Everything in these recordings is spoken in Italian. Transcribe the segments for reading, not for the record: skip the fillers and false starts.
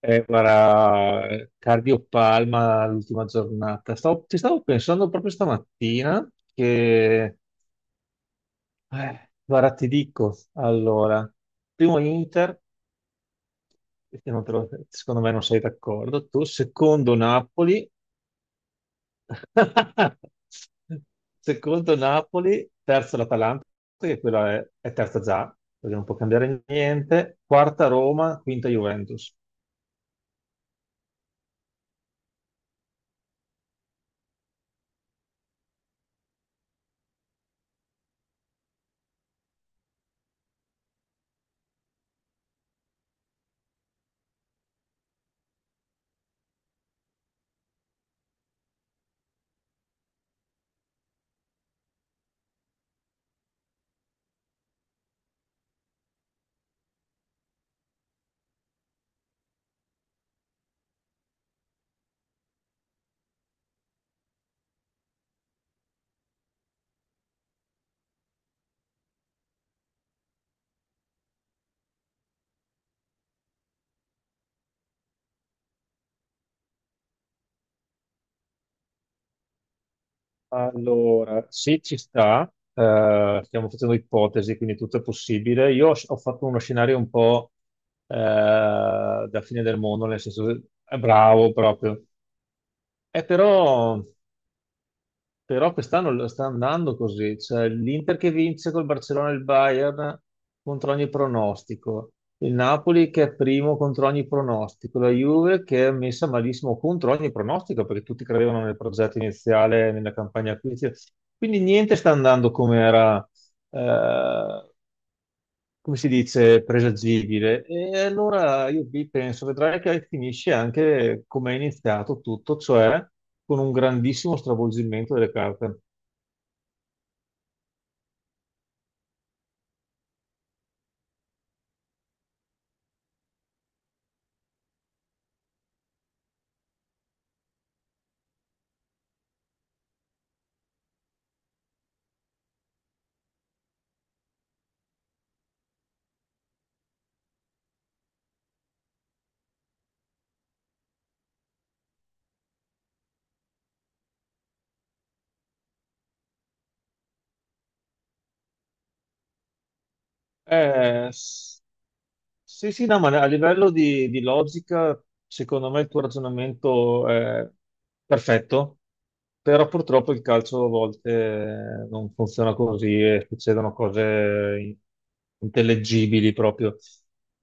Guarda, cardiopalma l'ultima giornata. Ci stavo pensando proprio stamattina che, guarda, ti dico, allora, primo Inter, perché non te lo- secondo me non sei d'accordo, tu, secondo Napoli, secondo Napoli, terzo l'Atalanta, che quella è terza già, perché non può cambiare niente, quarta Roma, quinta Juventus. Allora, se ci sta, stiamo facendo ipotesi, quindi tutto è possibile. Io ho fatto uno scenario un po' eh, da fine del mondo, nel senso, è bravo proprio. E però però quest'anno lo sta andando così, cioè l'Inter che vince col Barcellona e il Bayern contro ogni pronostico, il Napoli che è primo contro ogni pronostico, la Juve che è messa malissimo contro ogni pronostico perché tutti credevano nel progetto iniziale, nella campagna acquisizione. Quindi niente sta andando come era, eh, come si dice, presagibile. E allora io vi penso, vedrai che finisce anche come è iniziato tutto, cioè con un grandissimo stravolgimento delle carte. Eh, s- sì, sì, no, ma a livello di logica, secondo me il tuo ragionamento è perfetto, però purtroppo il calcio a volte non funziona così e succedono cose in- intellegibili proprio.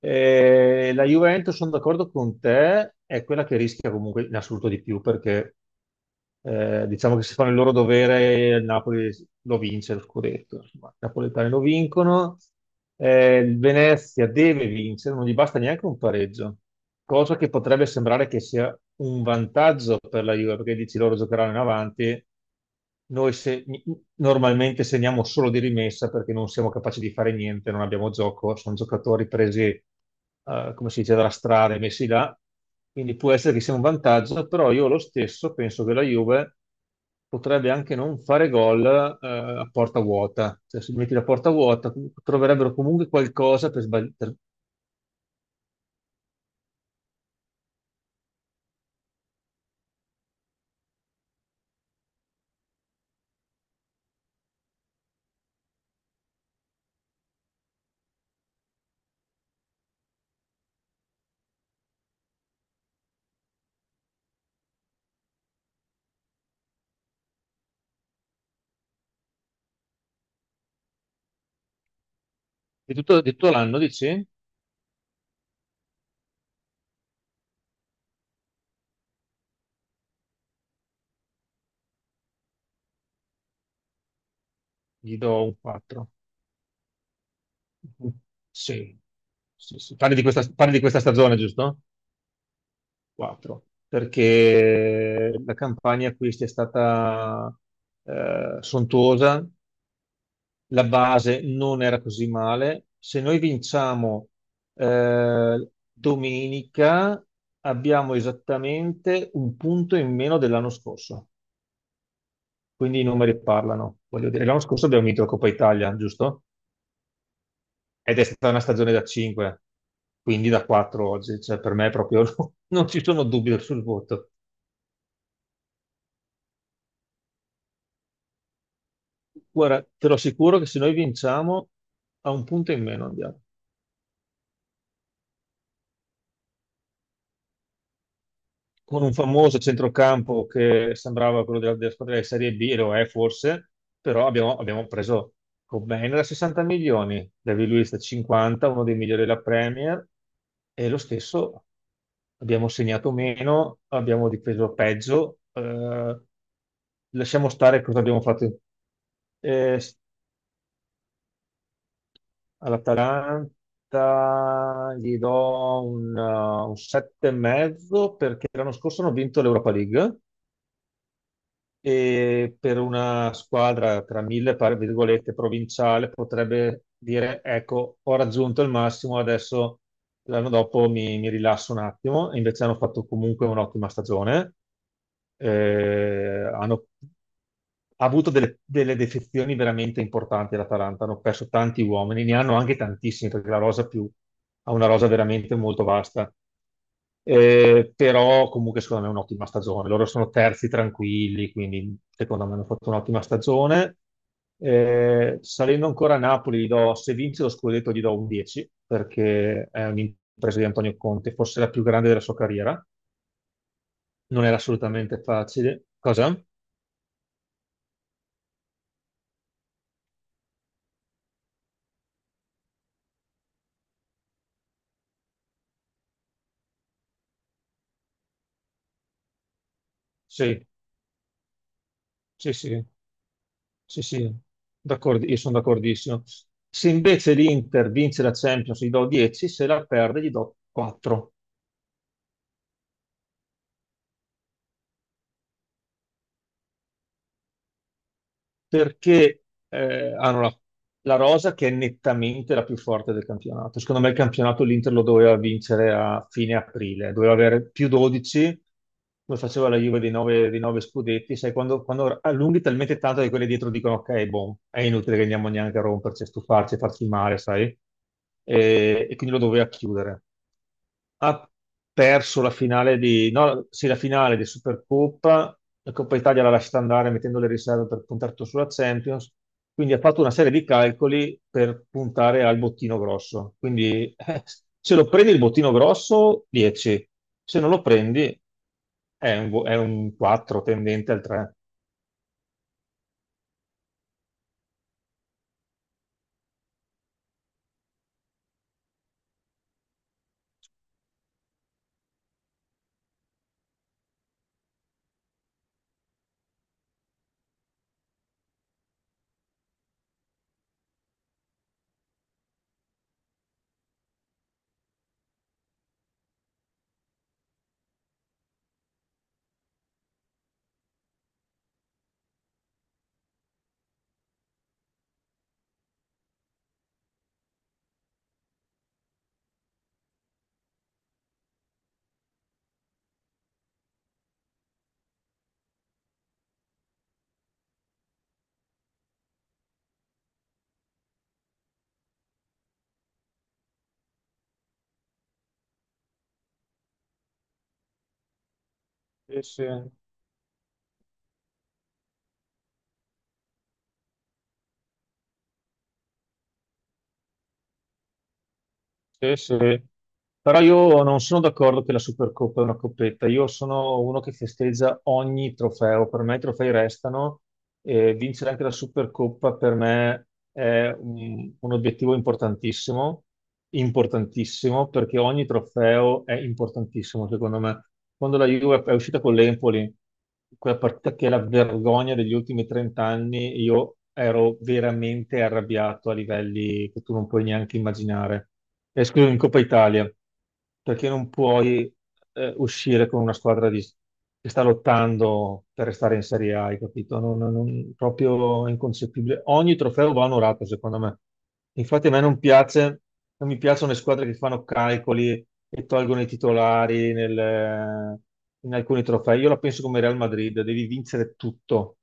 La Juventus, sono d'accordo con te, è quella che rischia comunque in assoluto di più perché diciamo che se fanno il loro dovere, il Napoli lo vince lo scudetto. Insomma, i napoletani lo vincono. Il Venezia deve vincere, non gli basta neanche un pareggio, cosa che potrebbe sembrare che sia un vantaggio per la Juve, perché dici loro giocheranno in avanti. Noi se- Normalmente segniamo solo di rimessa perché non siamo capaci di fare niente, non abbiamo gioco, sono giocatori presi, come si dice, dalla strada e messi là, quindi può essere che sia un vantaggio, però io lo stesso penso che la Juve potrebbe anche non fare gol, a porta vuota, cioè se metti la porta vuota troverebbero comunque qualcosa per sbagliare. Di tutto l'anno, dici? Gli do un 4. Sì. Sì, sì. Parli di questa stagione, giusto? 4, perché la campagna acquisti è stata sontuosa, la base non era così male. Se noi vinciamo domenica, abbiamo esattamente un punto in meno dell'anno scorso, quindi i numeri parlano. Voglio dire, l'anno scorso abbiamo vinto la Coppa Italia, giusto? Ed è stata una stagione da 5, quindi da 4 oggi, cioè per me proprio non ci sono dubbi sul voto. Guarda, te lo assicuro che se noi vinciamo a un punto in meno andiamo. Con un famoso centrocampo che sembrava quello della squadra di Serie B, e lo è forse, però abbiamo preso Cobain da 60 milioni, David Luiz da 50, uno dei migliori della Premier, e lo stesso abbiamo segnato meno, abbiamo difeso peggio, lasciamo stare cosa abbiamo fatto. Eh, All'Atalanta gli do un, 7 e mezzo perché l'anno scorso hanno vinto l'Europa League e per una squadra tra mille virgolette provinciale potrebbe dire ecco ho raggiunto il massimo adesso l'anno dopo mi rilasso un attimo e invece hanno fatto comunque un'ottima stagione. Hanno ha avuto delle defezioni veramente importanti l'Atalanta, hanno perso tanti uomini, ne hanno anche tantissimi perché la rosa più ha una rosa veramente molto vasta, però comunque secondo me è un'ottima stagione. Loro sono terzi tranquilli, quindi secondo me hanno fatto un'ottima stagione. Salendo ancora a Napoli, se vince lo scudetto gli do un 10, perché è un'impresa di Antonio Conte, forse la più grande della sua carriera. Non era assolutamente facile. Cosa? Sì, sì, sì, sì, sì. Io sono d'accordissimo. Se invece l'Inter vince la Champions, gli do 10, se la perde gli do 4. Perché hanno la rosa che è nettamente la più forte del campionato. Secondo me il campionato l'Inter lo doveva vincere a fine aprile, doveva avere più 12, come faceva la Juve di 9, scudetti. Sai, quando allunghi talmente tanto che quelli dietro dicono ok, boh, è inutile che andiamo neanche a romperci, a stufarci, a farci male, sai? E quindi lo doveva chiudere, ha perso la finale di, no, sì, la finale di Supercoppa, la Coppa Italia l'ha lasciata andare mettendo le riserve per puntare tutto sulla Champions, quindi ha fatto una serie di calcoli per puntare al bottino grosso. Quindi se lo prendi il bottino grosso, 10, se non lo prendi è è un 4 tendente al 3. Sì, sì, sì, sì. Però io non sono d'accordo che la Supercoppa è una coppetta. Io sono uno che festeggia ogni trofeo. Per me i trofei restano. E vincere anche la Supercoppa per me è un obiettivo importantissimo, importantissimo, perché ogni trofeo è importantissimo, secondo me. Quando la Juve è uscita con l'Empoli, quella partita che è la vergogna degli ultimi 30 anni, io ero veramente arrabbiato a livelli che tu non puoi neanche immaginare. E scusami, in Coppa Italia perché non puoi uscire con una squadra che sta lottando per restare in Serie A, hai capito? Proprio inconcepibile. Ogni trofeo va onorato, secondo me. Infatti a me non piace, non mi piacciono le squadre che fanno calcoli e tolgono i titolari in alcuni trofei. Io la penso come Real Madrid, devi vincere tutto.